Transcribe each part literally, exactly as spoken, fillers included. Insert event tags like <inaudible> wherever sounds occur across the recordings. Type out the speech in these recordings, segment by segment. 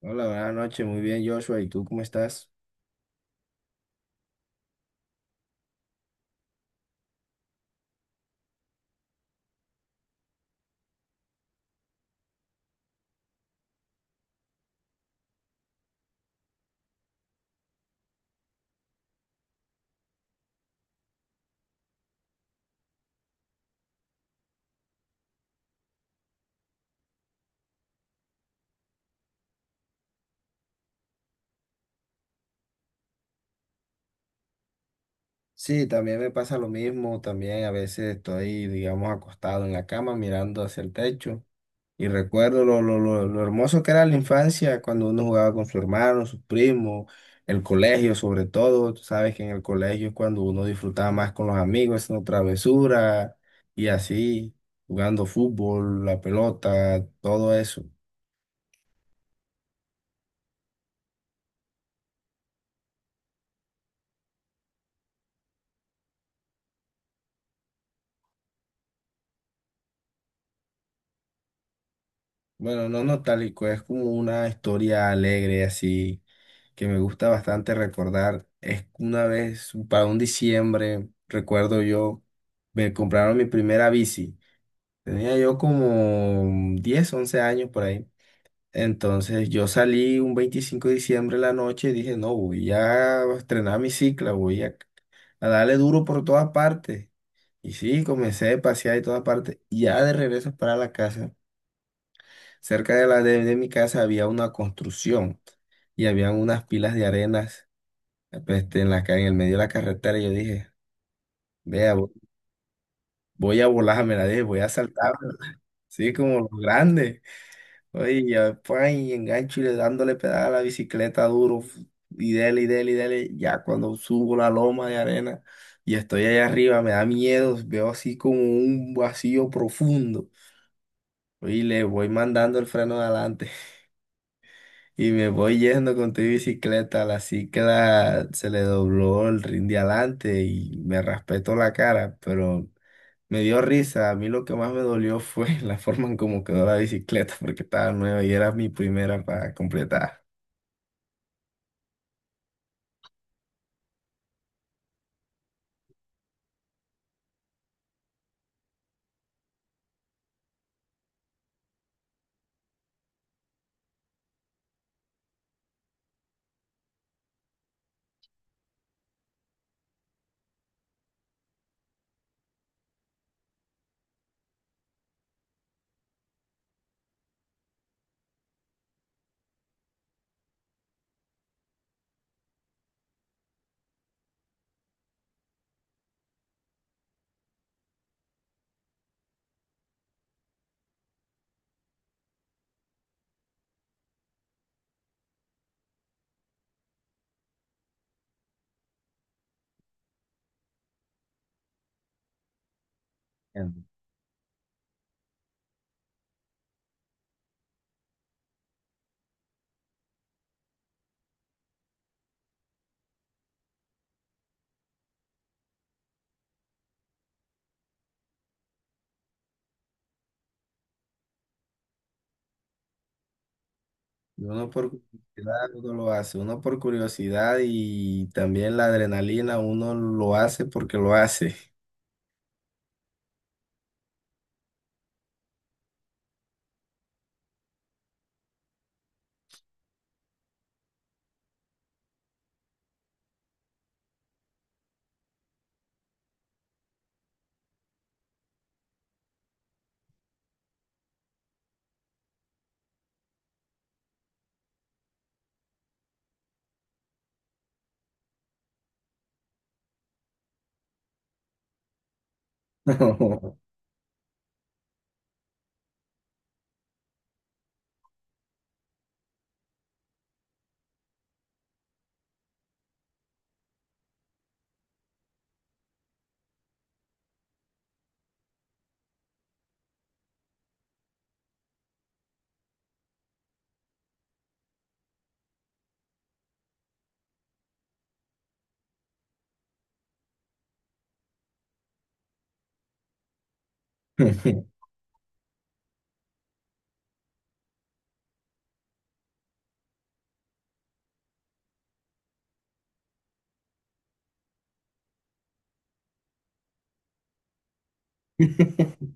Hola, buenas noches, muy bien Joshua, ¿y tú cómo estás? Sí, también me pasa lo mismo, también a veces estoy, digamos, acostado en la cama mirando hacia el techo y recuerdo lo, lo, lo, lo hermoso que era la infancia cuando uno jugaba con su hermano, sus primos, el colegio sobre todo, tú sabes que en el colegio es cuando uno disfrutaba más con los amigos, haciendo travesuras y así, jugando fútbol, la pelota, todo eso. Bueno, no nostálgico, es como una historia alegre así que me gusta bastante recordar. Es que una vez, para un diciembre, recuerdo yo, me compraron mi primera bici. Tenía yo como diez once años por ahí. Entonces yo salí un veinticinco de diciembre en la noche y dije, no, voy a estrenar mi cicla, voy a, a darle duro por todas partes. Y sí, comencé a pasear y todas partes. Ya de regreso para la casa. Cerca de la de, de mi casa había una construcción y había unas pilas de arenas pues, este, en la, ca- en el medio de la carretera. Y yo dije, vea, vo- voy a volarme la dije, voy a saltar, sí, como los grandes. Oye, y ya, pan, y engancho y le dándole pedal a la bicicleta duro f- Y dele, y dele, y dele. Ya cuando subo la loma de arena y estoy allá arriba, me da miedo, veo así como un vacío profundo. Oye, y le voy mandando el freno de adelante. Y me voy yendo con tu bicicleta, la cicla se le dobló el rin de adelante y me raspetó la cara, pero me dio risa. A mí lo que más me dolió fue <laughs> la forma en cómo quedó la bicicleta, porque estaba nueva y era mi primera para completar. Entiendo. Y uno por curiosidad uno lo hace, uno por curiosidad y también la adrenalina, uno lo hace porque lo hace. <laughs> <laughs>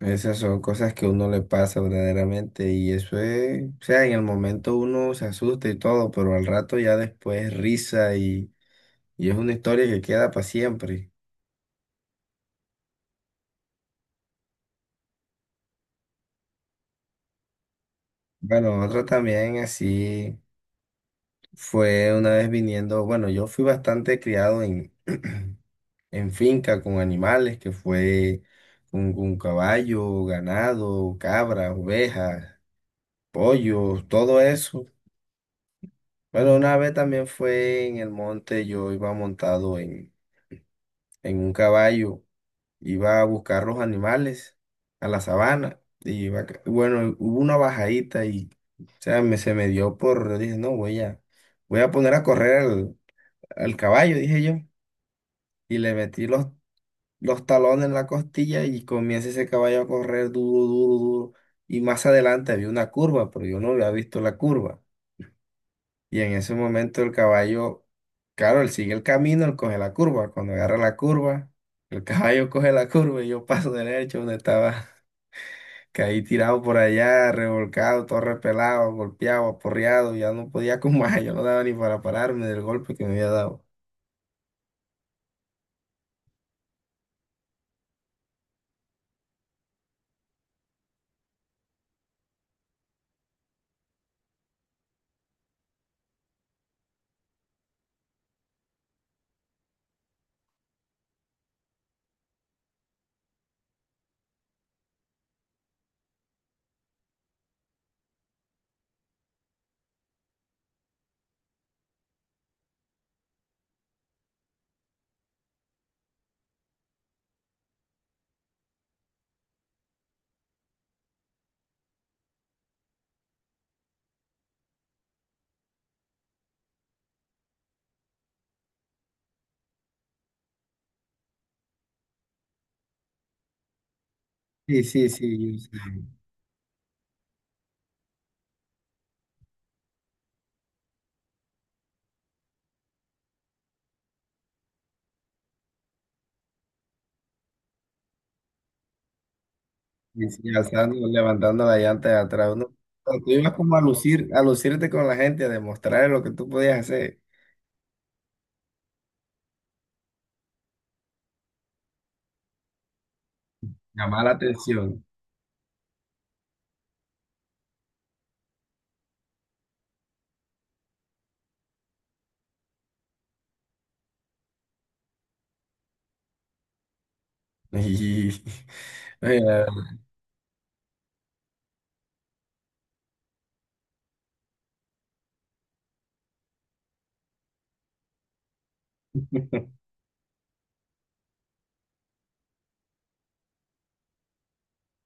Esas son cosas que a uno le pasa verdaderamente y eso es, o sea, en el momento uno se asusta y todo, pero al rato ya después risa y, y es una historia que queda para siempre. Bueno, otro también así fue una vez viniendo, bueno, yo fui bastante criado en, <clears throat> en finca con animales, que fue un, un caballo, ganado, cabras, ovejas, pollos, todo eso. Bueno, una vez también fue en el monte, yo iba montado en en un caballo, iba a buscar los animales a la sabana. Y iba ca- bueno, hubo una bajadita y o sea, me, se me dio por, yo dije, no, voy a, voy a poner a correr al, al caballo, dije yo. Y le metí los, los talones en la costilla y comienza ese caballo a correr duro, duro, duro. Y más adelante había una curva, pero yo no había visto la curva. Y en ese momento el caballo, claro, él sigue el camino, él coge la curva. Cuando agarra la curva, el <laughs> caballo coge la curva y yo paso derecho donde estaba. <laughs> Caí tirado por allá, revolcado, todo repelado, golpeado, aporreado. Ya no podía con más, yo no daba ni para pararme del golpe que me había dado. Sí, sí, sí, yo sí. Y sí, alzando, levantando la llanta de atrás. Uno, tú ibas como a lucir, a lucirte con la gente, a demostrar lo que tú podías hacer, llamar la atención. <laughs> Y, oye,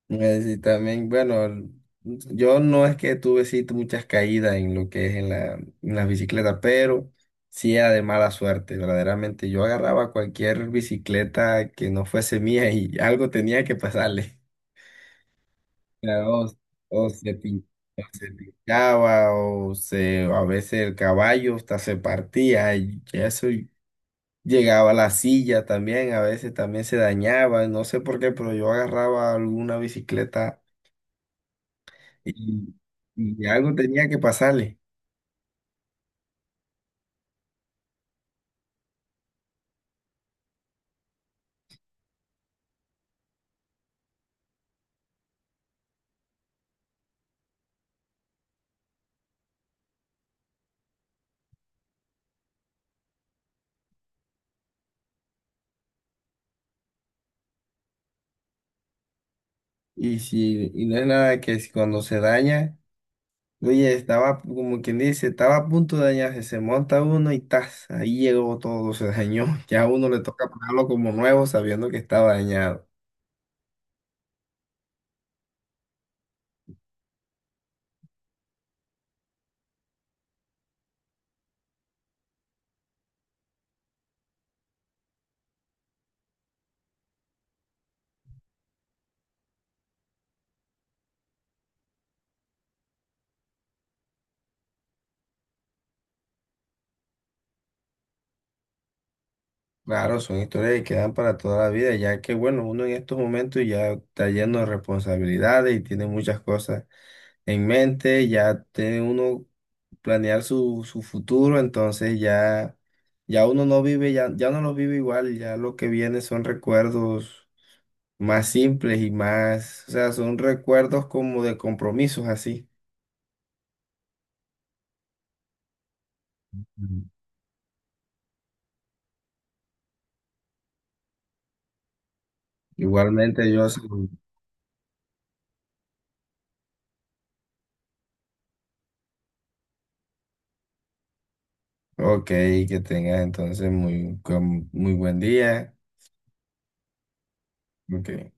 Eh, sí, también, bueno, el- yo no es que tuve sí muchas caídas en lo que es en la, en la bicicleta, pero sí era de mala suerte, verdaderamente. Yo agarraba cualquier bicicleta que no fuese mía y <laughs> algo tenía que pasarle. Ya, O, o se pinchaba, o se, a veces el caballo hasta se partía, y eso y llegaba a la silla también, a veces también se dañaba, no sé por qué, pero yo agarraba alguna bicicleta y, y algo tenía que pasarle. Y si, y no es nada que si cuando se daña, oye, estaba como quien dice, estaba a punto de dañarse, se monta uno y tas, ahí llegó todo, se dañó. <laughs> Ya a uno le toca pagarlo como nuevo sabiendo que estaba dañado. Claro, son historias que quedan para toda la vida, ya que bueno, uno en estos momentos ya está lleno de responsabilidades y tiene muchas cosas en mente, ya tiene uno planear su, su futuro, entonces ya, ya uno no vive, ya, ya no lo vive igual, ya lo que viene son recuerdos más simples y más, o sea, son recuerdos como de compromisos así. Mm. Igualmente yo, sí- ok, que tengas entonces muy, con- muy buen día. Ok.